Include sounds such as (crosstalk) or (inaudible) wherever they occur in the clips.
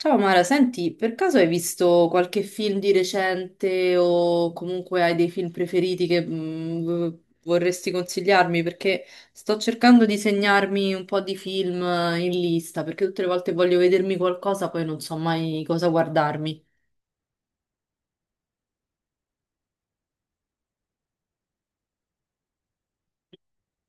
Ciao Mara, senti, per caso hai visto qualche film di recente o comunque hai dei film preferiti che vorresti consigliarmi? Perché sto cercando di segnarmi un po' di film in lista, perché tutte le volte voglio vedermi qualcosa, poi non so mai cosa guardarmi.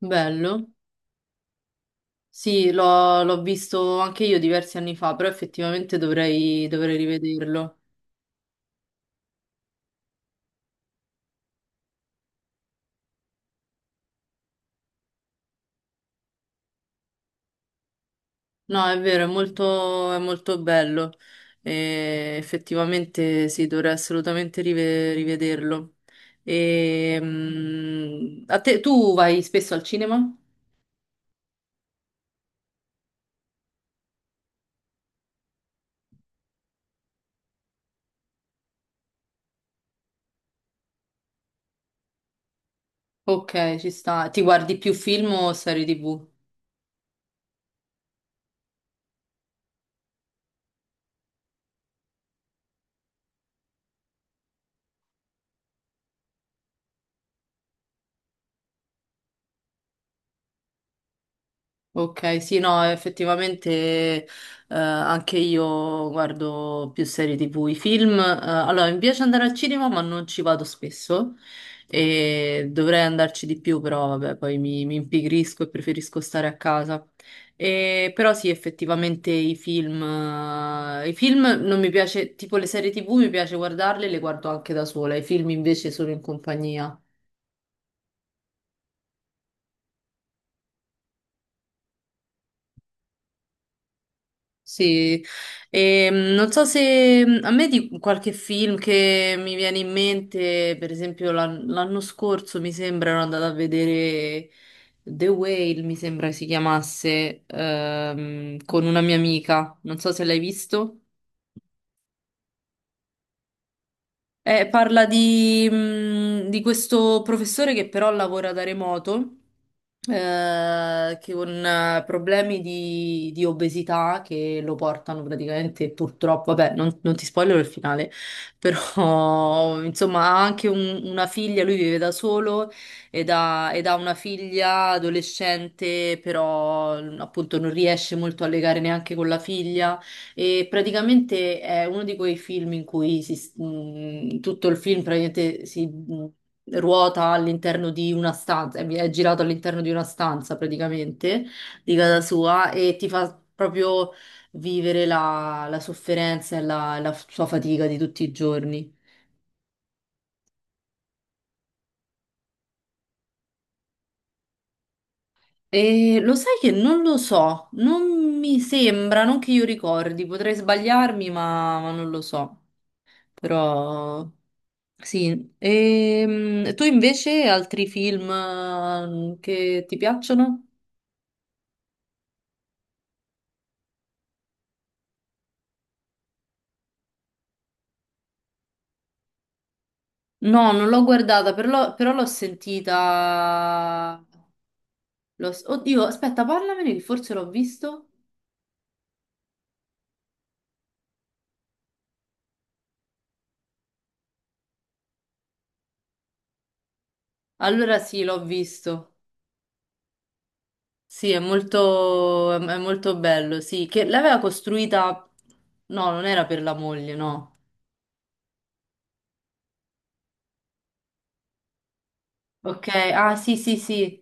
Bello? Sì, l'ho visto anche io diversi anni fa, però effettivamente dovrei rivederlo. No, è vero, è molto bello. E effettivamente sì, dovrei assolutamente rivederlo. A te, tu vai spesso al cinema? Ok, ci sta. Ti guardi più film o serie TV? Ok, sì, no, effettivamente eh, anche io guardo più serie TV, i film. Allora, mi piace andare al cinema, ma non ci vado spesso e dovrei andarci di più, però vabbè, poi mi impigrisco e preferisco stare a casa. E, però sì, effettivamente i film non mi piace, tipo le serie TV mi piace guardarle, le guardo anche da sola, i film invece sono in compagnia. Sì, non so se a me di qualche film che mi viene in mente, per esempio l'anno scorso mi sembra ero andata a vedere The Whale, mi sembra si chiamasse, con una mia amica, non so se l'hai visto. Parla di di questo professore che però lavora da remoto, che con problemi di obesità che lo portano praticamente purtroppo, vabbè, non ti spoilero il finale, però (laughs) insomma ha anche una figlia, lui vive da solo ed ha una figlia adolescente, però appunto non riesce molto a legare neanche con la figlia. E praticamente è uno di quei film in cui tutto il film praticamente ruota all'interno di una stanza, è girato all'interno di una stanza praticamente di casa sua e ti fa proprio vivere la sofferenza e la sua fatica di tutti i giorni. E lo sai che non lo so, non mi sembra, non che io ricordi, potrei sbagliarmi, ma non lo so. Però. Sì, e tu invece altri film che ti piacciono? No, non l'ho guardata, però l'ho sentita. Oddio, aspetta, parlamene che forse l'ho visto. Allora sì, l'ho visto. Sì, è molto bello, sì, che l'aveva costruita... No, non era per la moglie, no. Ok, ah sì, sì, sì.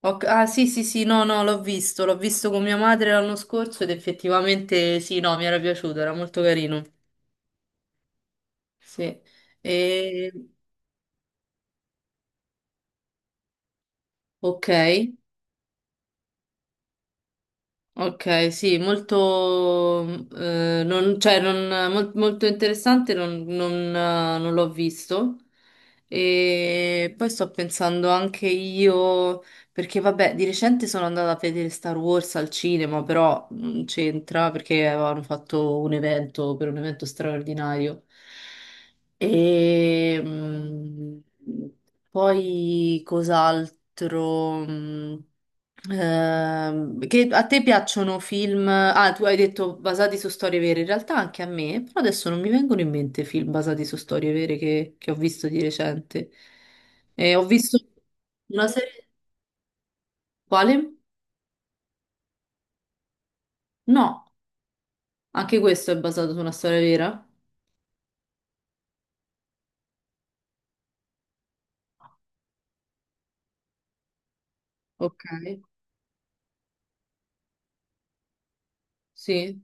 Ah sì sì sì no no l'ho visto, l'ho visto con mia madre l'anno scorso ed effettivamente sì no mi era piaciuto, era molto carino. Sì. E... Ok. Ok, sì, molto, cioè, molto interessante, non l'ho visto. E poi sto pensando anche io, perché vabbè, di recente sono andata a vedere Star Wars al cinema, però non c'entra perché avevano fatto un evento per un evento straordinario. E, mm, Poi cos'altro? Che a te piacciono film? Ah, tu hai detto basati su storie vere, in realtà anche a me, però adesso non mi vengono in mente film basati su storie vere che ho visto di recente. Ho visto una serie... Quale? No, anche questo è basato su una storia vera. Ok, sì.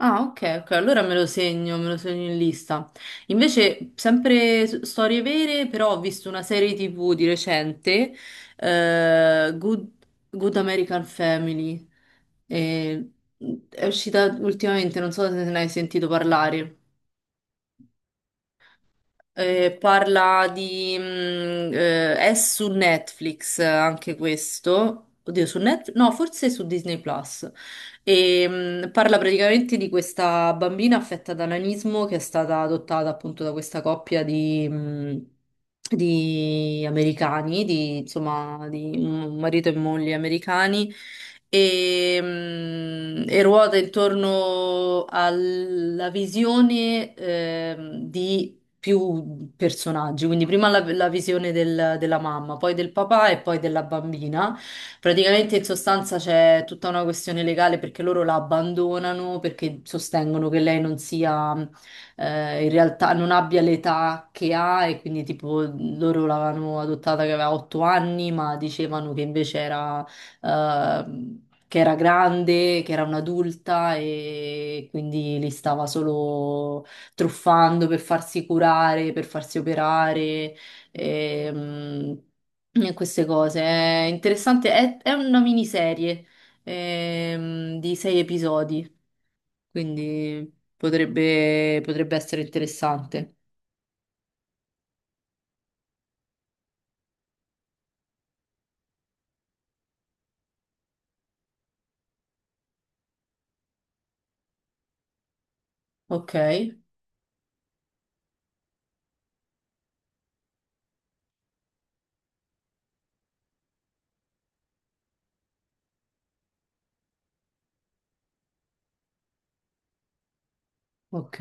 Ah, ok, ok, allora me lo segno in lista. Invece, sempre storie vere, però ho visto una serie TV di recente, eh, Good American Family, e- è uscita ultimamente, non so se ne hai sentito parlare. Parla di... è su Netflix anche questo. Oddio, su Netflix? No, forse su Disney Plus. Parla praticamente di questa bambina affetta da nanismo che è stata adottata appunto da questa coppia di americani, di, insomma, di un marito e moglie americani. E ruota intorno alla visione di più personaggi, quindi prima la visione della mamma, poi del papà e poi della bambina. Praticamente in sostanza c'è tutta una questione legale perché loro la abbandonano perché sostengono che lei non sia, in realtà non abbia l'età che ha e quindi tipo loro l'avevano adottata che aveva 8 anni, ma dicevano che invece era... ehm, che era grande, che era un'adulta e quindi li stava solo truffando per farsi curare, per farsi operare, ehm, e queste cose. È interessante, è una miniserie, di sei episodi, quindi potrebbe essere interessante. Ok, ok,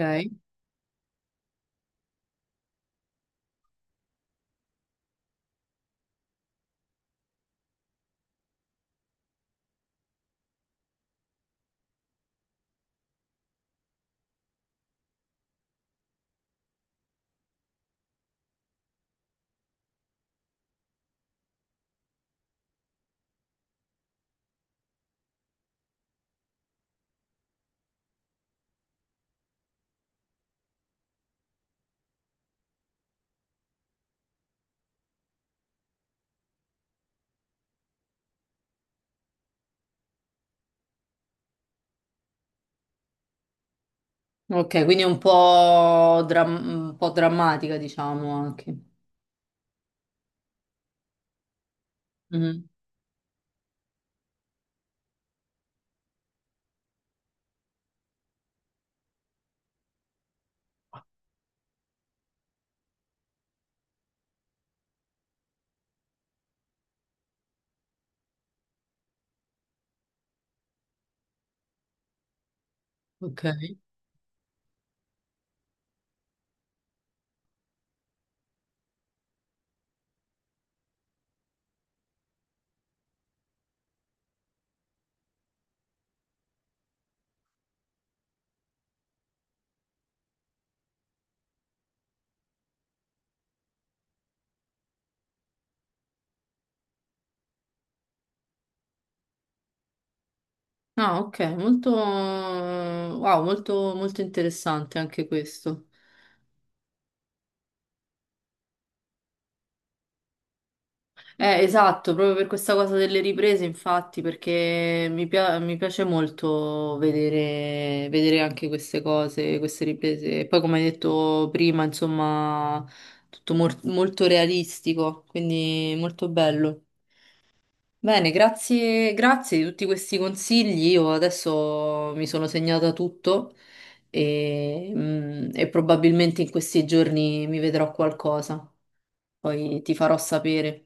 ok, quindi è un po', un po' drammatica, diciamo anche. Mhm. Ok. Ah, ok, molto, wow, molto, molto interessante anche questo. Esatto, proprio per questa cosa delle riprese, infatti, perché mi piace molto vedere, vedere anche queste cose, queste riprese. E poi, come hai detto prima, insomma, tutto molto realistico, quindi molto bello. Bene, grazie, grazie di tutti questi consigli. Io adesso mi sono segnata tutto e e probabilmente in questi giorni mi vedrò qualcosa. Poi ti farò sapere.